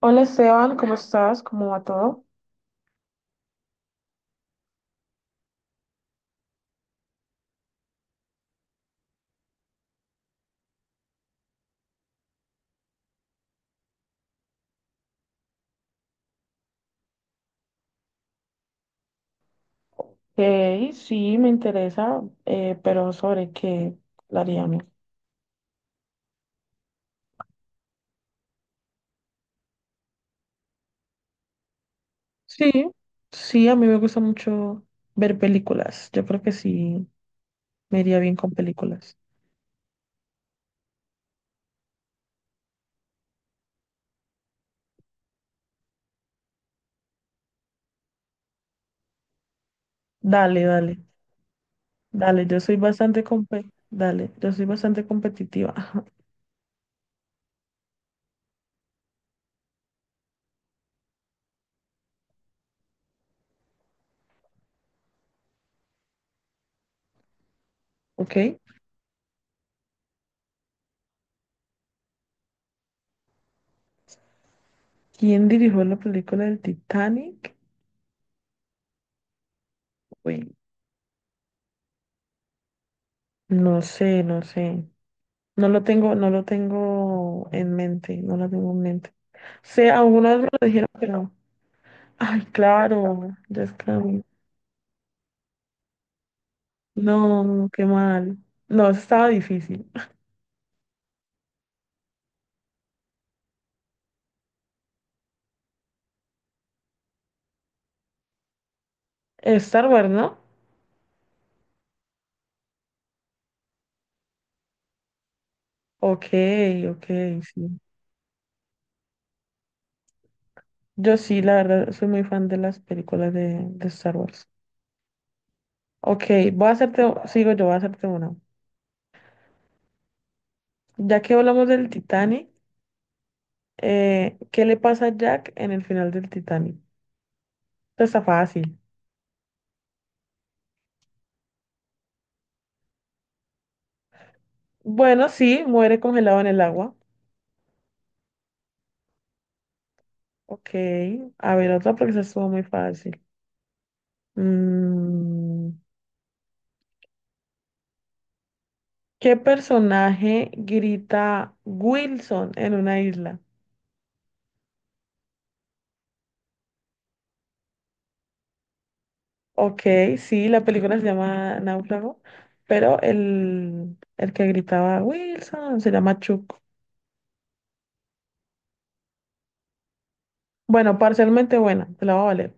Hola Esteban, ¿cómo estás? ¿Cómo va todo? Ok, sí, me interesa, pero ¿sobre qué hablaríamos? Sí, sí, a mí me gusta mucho ver películas. Yo creo que sí, me iría bien con películas. Dale, dale, dale, yo soy bastante dale, yo soy bastante competitiva. ¿Ok? ¿Quién dirigió la película del Titanic? Uy, no sé. No lo tengo, no lo tengo en mente, no lo tengo en mente. Sé, alguna vez me lo dijeron, pero, ay, claro, ya es que... No, qué mal. No, eso estaba difícil. Star Wars, ¿no? Ok, ok, sí. Yo sí, la verdad, soy muy fan de las películas de Star Wars. Ok, sigo yo, voy a hacerte una. Ya que hablamos del Titanic, ¿qué le pasa a Jack en el final del Titanic? Esto está fácil. Bueno, sí, muere congelado en el agua. Ok, a ver, otra porque esa estuvo muy fácil. Mm, ¿qué personaje grita Wilson en una isla? Ok, sí, la película se llama Náufrago, pero el que gritaba Wilson se llama Chuck. Bueno, parcialmente buena, te la va a valer.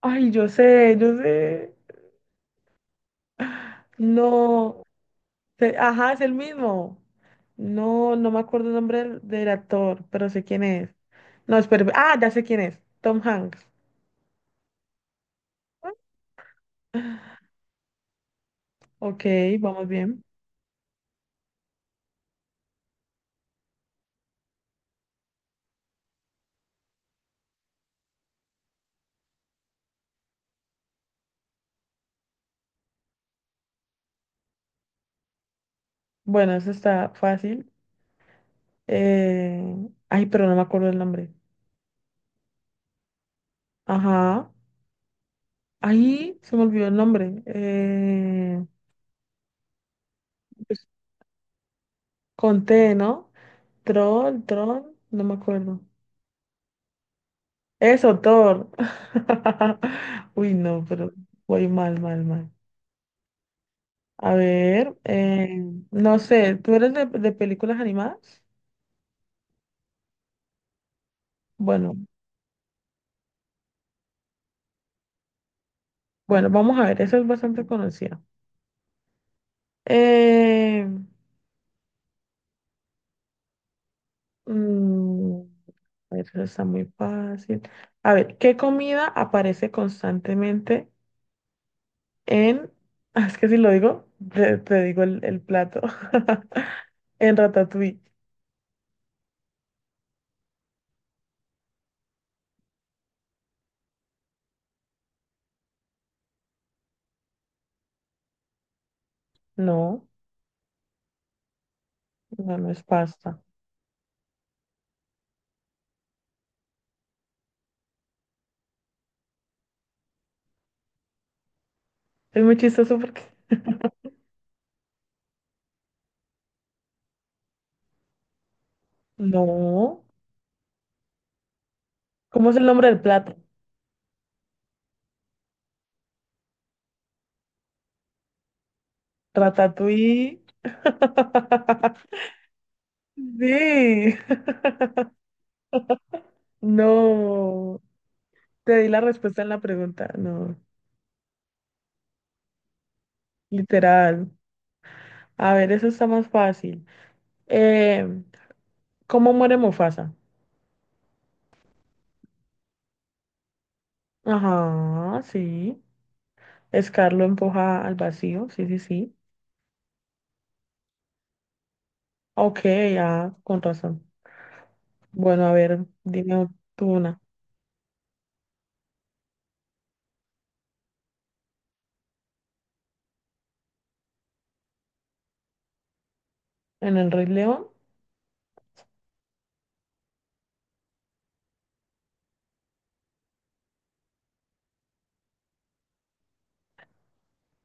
Ay, yo sé, yo sé. No, ajá, es el mismo. No, no me acuerdo el nombre del actor, pero sé quién es. No, espera, ah, ya sé quién es, Tom Hanks. Ok, vamos bien. Bueno, eso está fácil. Eh, Ay, pero no me acuerdo el nombre. Ajá. Ahí se me olvidó el nombre. Pues, con T, ¿no? Troll, Tron, no me acuerdo. Eso, Thor. Uy, no, pero voy mal, mal, mal. A ver, no sé, ¿tú eres de películas animadas? Bueno, bueno, vamos a ver, eso es bastante conocida. Eh, Mm, a ver, eso está muy fácil. A ver, ¿qué comida aparece constantemente en... Es que si lo digo, te digo el plato. En Ratatouille. No, no, no es pasta. Es muy chistoso porque... No. ¿Cómo es el nombre del plato? Ratatouille. Sí. No. Te di la respuesta en la pregunta. No. Literal. A ver, eso está más fácil. Eh, ¿Cómo muere Mufasa? Ajá, sí. Scar lo empuja al vacío, sí, sí, sí. Ok, ya, con razón. Bueno, a ver, dime tú una. ¿En el Rey León?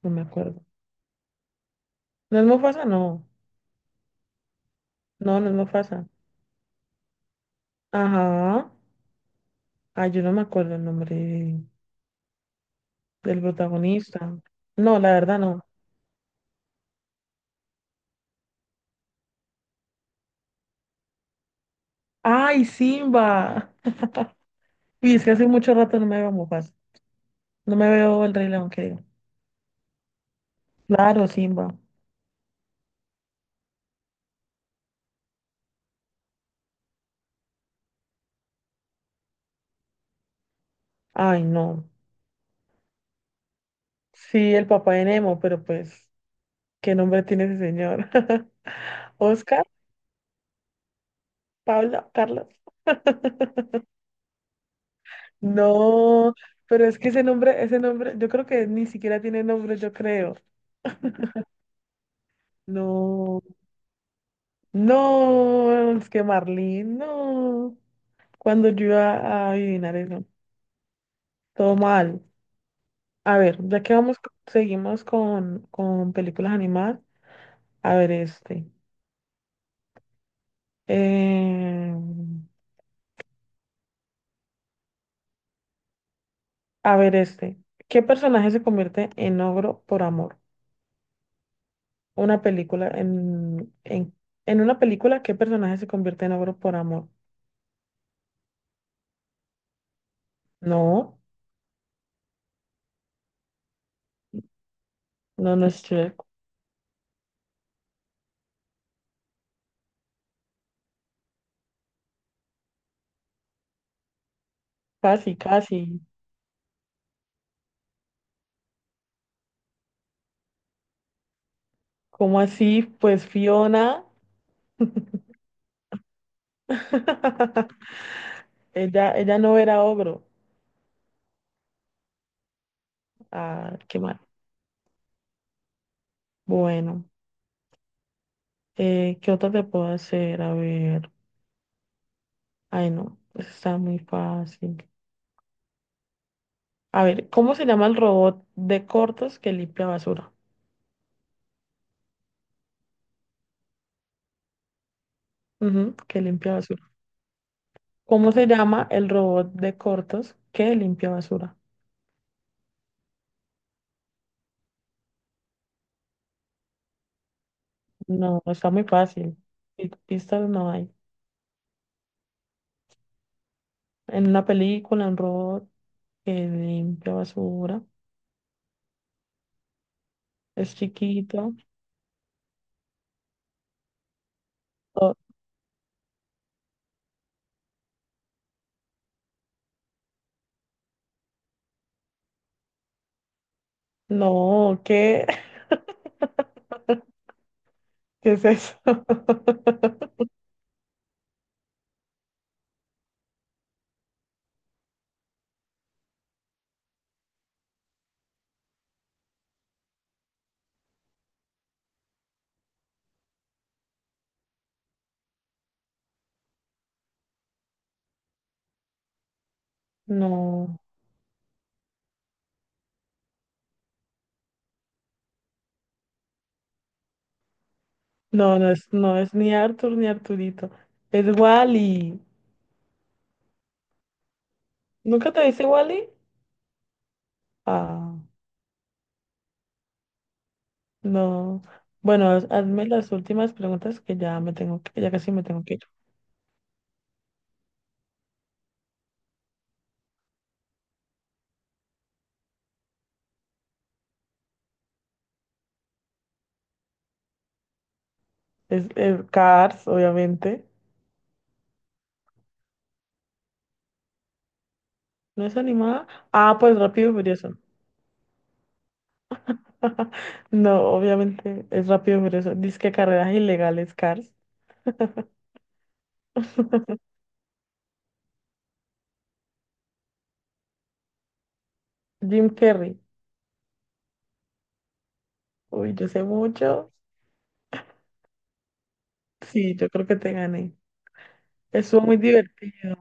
No me acuerdo. ¿No es Mufasa? No. No, no es Mufasa. Ajá. Ay, yo no me acuerdo el del protagonista. No, la verdad no. ¡Ay, Simba! Y es que hace mucho rato no me veo Mufasa. No me veo el Rey León, que digo. Claro, Simba. Ay, no. Sí, el papá de Nemo, pero pues, ¿qué nombre tiene ese señor? Oscar, Pablo, Carlos. No, pero es que ese nombre, yo creo que ni siquiera tiene nombre, yo creo. No, no, es que Marlene, no. Cuando yo iba a adivinar eso, todo mal. A ver, ya que vamos, seguimos con películas animadas. A ver, este. Eh, A ver este. ¿Qué personaje se convierte en ogro por amor? Una película en una película, ¿qué personaje se convierte en ogro por amor? No, no, no es Shrek. Casi, casi. ¿Cómo así? Pues Fiona. Ella no era ogro. Ah, qué mal. Bueno, ¿qué otra te puedo hacer? A ver. Ay, no, eso está muy fácil. A ver, ¿cómo se llama el robot de cortos que limpia basura? Ujú, que limpia basura. ¿Cómo se llama el robot de cortos que limpia basura? No, está muy fácil. Pistas no hay. En una película, un robot que limpia basura. Es chiquito. Oh, no, ¿qué? ¿Qué es eso? No, no, no es ni Arthur ni Arturito. Es Wally. ¿Nunca te dice Wally? Ah, no. Bueno, hazme las últimas preguntas que ya me tengo que, ya casi me tengo que ir. Es, Cars, obviamente. ¿No es animada? Ah, pues Rápido y Furioso. No, obviamente es Rápido y Furioso. Dice que carreras ilegales, Cars. Jim Carrey. Uy, yo sé mucho. Sí, yo creo que te gané. Estuvo muy divertido.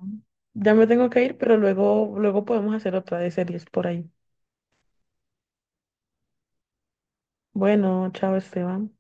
Ya me tengo que ir, pero luego, luego podemos hacer otra de series por ahí. Bueno, chao, Esteban.